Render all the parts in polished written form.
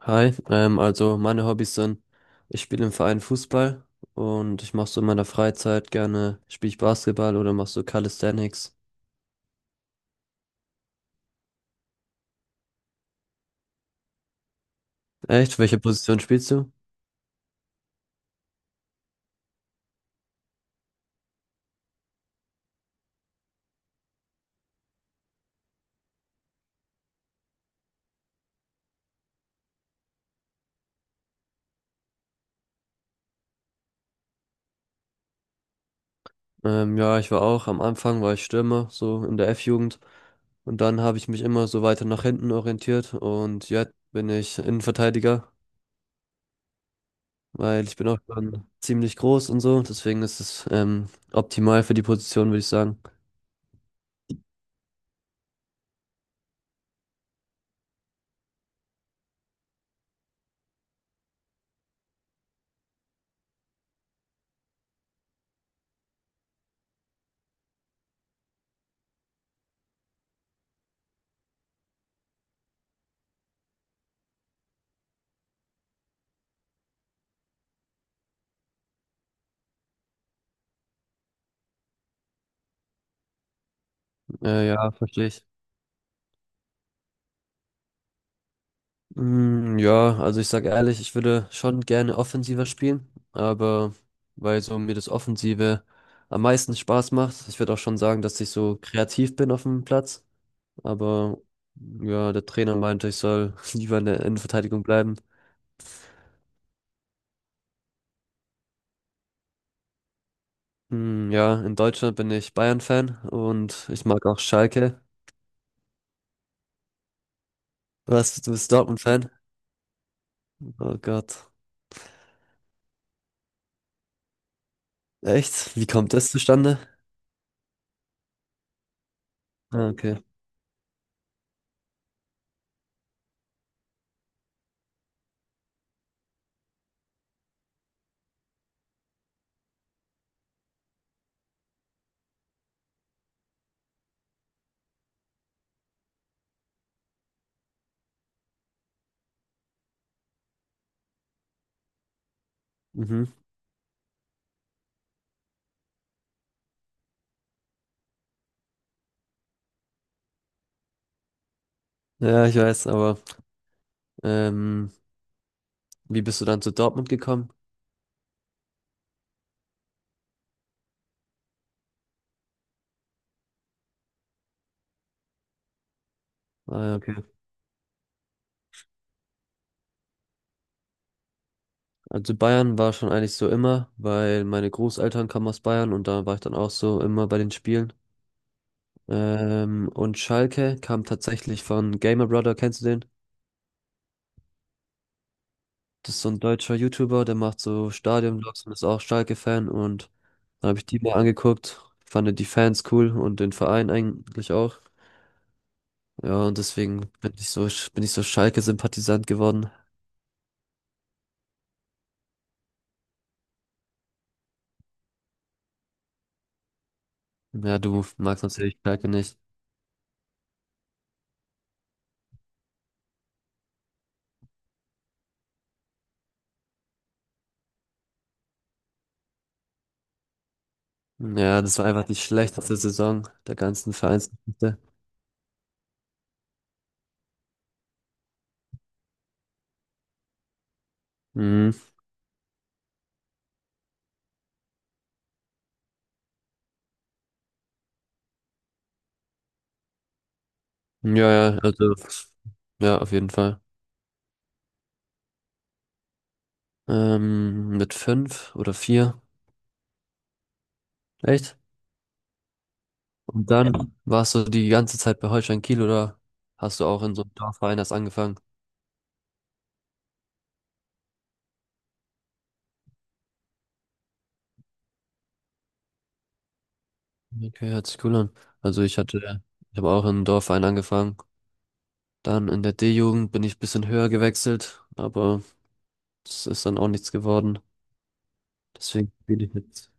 Hi, also meine Hobbys sind, ich spiele im Verein Fußball und ich mache so in meiner Freizeit gerne, spiele ich Basketball oder mach so Calisthenics. Echt? Welche Position spielst du? Ja, ich war auch, am Anfang war ich Stürmer, so in der F-Jugend. Und dann habe ich mich immer so weiter nach hinten orientiert und jetzt bin ich Innenverteidiger, weil ich bin auch schon ziemlich groß und so, deswegen ist es optimal für die Position, würde ich sagen. Ja, verstehe ich. Mm, ja, also ich sag ehrlich, ich würde schon gerne offensiver spielen, aber weil so mir das Offensive am meisten Spaß macht, ich würde auch schon sagen, dass ich so kreativ bin auf dem Platz, aber ja, der Trainer meinte, ich soll lieber in der Innenverteidigung bleiben. Mm, ja, in Deutschland bin ich Bayern-Fan und ich mag auch Schalke. Was, du bist Dortmund-Fan? Oh Gott. Echt? Wie kommt das zustande? Ah, okay. Mhm. Ja, ich weiß, aber ähm, wie bist du dann zu Dortmund gekommen? Ah, ja, okay. Also Bayern war schon eigentlich so immer, weil meine Großeltern kamen aus Bayern und da war ich dann auch so immer bei den Spielen. Und Schalke kam tatsächlich von Gamer Brother, kennst du den? Das ist so ein deutscher YouTuber, der macht so Stadionvlogs und ist auch Schalke-Fan und dann habe ich die mal angeguckt, fand die Fans cool und den Verein eigentlich auch. Ja, und deswegen bin ich so Schalke-Sympathisant geworden. Ja, du magst natürlich Schalke nicht. Ja, das war einfach die schlechteste Saison der ganzen Vereins. Mhm. Ja, ja, also, ja, auf jeden Fall. Mit fünf oder vier. Echt? Und dann warst du die ganze Zeit bei Holstein Kiel oder hast du auch in so einem Dorfverein erst angefangen? Okay, hört sich cool an. Also ich hatte, ich habe auch in einem Dorfverein angefangen. Dann in der D-Jugend bin ich ein bisschen höher gewechselt, aber es ist dann auch nichts geworden. Deswegen spiele ich jetzt.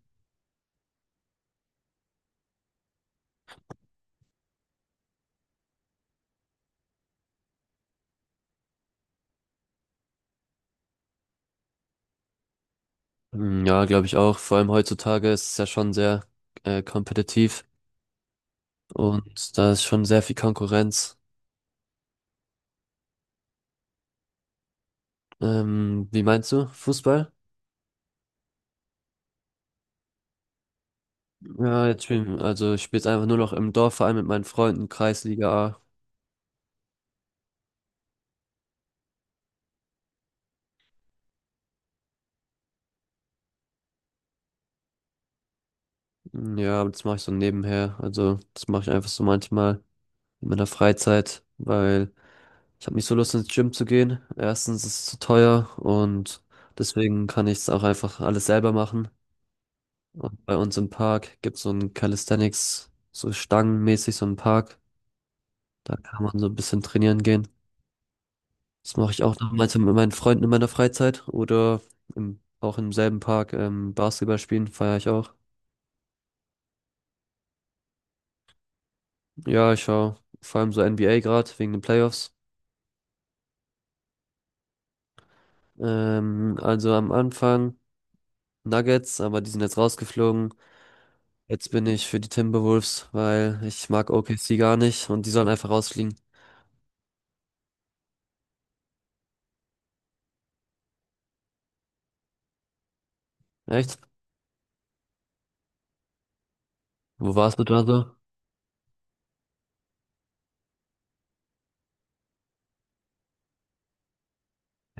Mm, ja, glaube ich auch. Vor allem heutzutage ist es ja schon sehr kompetitiv und da ist schon sehr viel Konkurrenz. Wie meinst du? Fußball? Also ich spiele jetzt einfach nur noch im Dorfverein mit meinen Freunden, Kreisliga A. Mm, ja, aber das mache ich so nebenher. Also das mache ich einfach so manchmal in meiner Freizeit, weil ich habe nicht so Lust ins Gym zu gehen. Erstens ist es zu teuer und deswegen kann ich es auch einfach alles selber machen. Und bei uns im Park gibt es so ein Calisthenics, so stangenmäßig so einen Park. Da kann man so ein bisschen trainieren gehen. Das mache ich auch damals mit meinen Freunden in meiner Freizeit oder auch im selben Park Basketball spielen, feiere ich auch. Ja, ich schaue vor allem so NBA gerade wegen den Playoffs. Also am Anfang Nuggets, aber die sind jetzt rausgeflogen. Jetzt bin ich für die Timberwolves, weil ich mag OKC gar nicht und die sollen einfach rausfliegen. Echt? Wo warst du da so?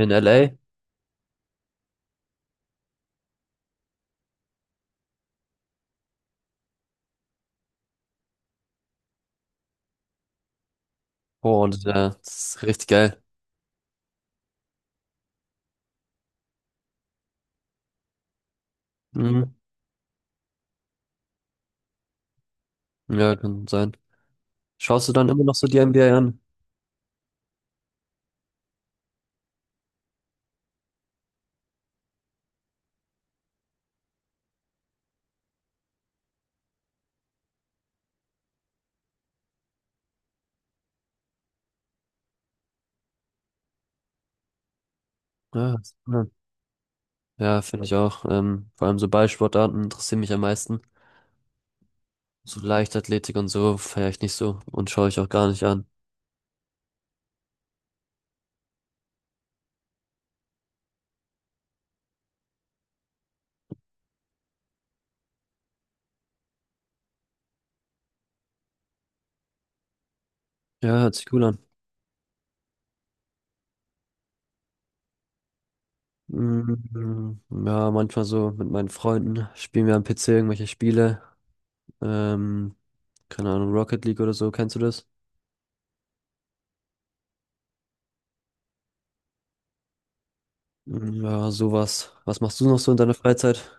In LA? Oh, und ja, das ist richtig geil. Mhm. Ja, kann sein. Schaust du dann immer noch so die NBA an? Ja, ja, finde ich auch. Vor allem so Ballsportarten interessieren mich am meisten. So Leichtathletik und so feiere ich nicht so und schaue ich auch gar nicht an. Ja, hört sich cool an. Mm, ja, manchmal so mit meinen Freunden spielen wir am PC irgendwelche Spiele. Ähm, Keine Ahnung, Rocket League oder so, kennst du das? Mm, ja, sowas. Was machst du noch so in deiner Freizeit?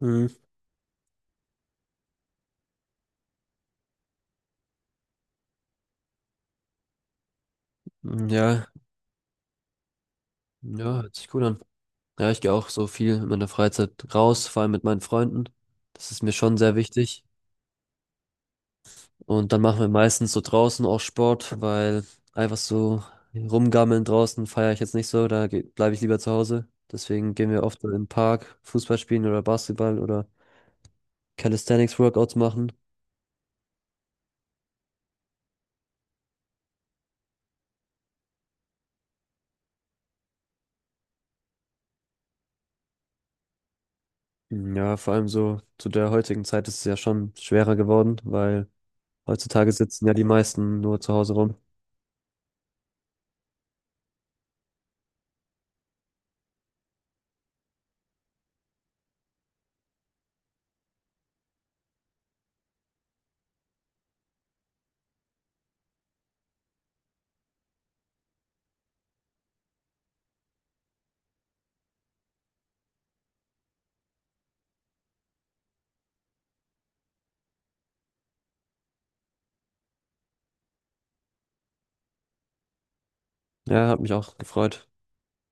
Mm, ja, ja, hört sich cool an. Ja, ich gehe auch so viel in meiner Freizeit raus, vor allem mit meinen Freunden. Das ist mir schon sehr wichtig. Und dann machen wir meistens so draußen auch Sport, weil einfach so rumgammeln draußen feiere ich jetzt nicht so, da bleibe ich lieber zu Hause. Deswegen gehen wir oft so im Park Fußball spielen oder Basketball oder Calisthenics Workouts machen. Ja, vor allem so zu der heutigen Zeit ist es ja schon schwerer geworden, weil heutzutage sitzen ja die meisten nur zu Hause rum. Ja, hat mich auch gefreut.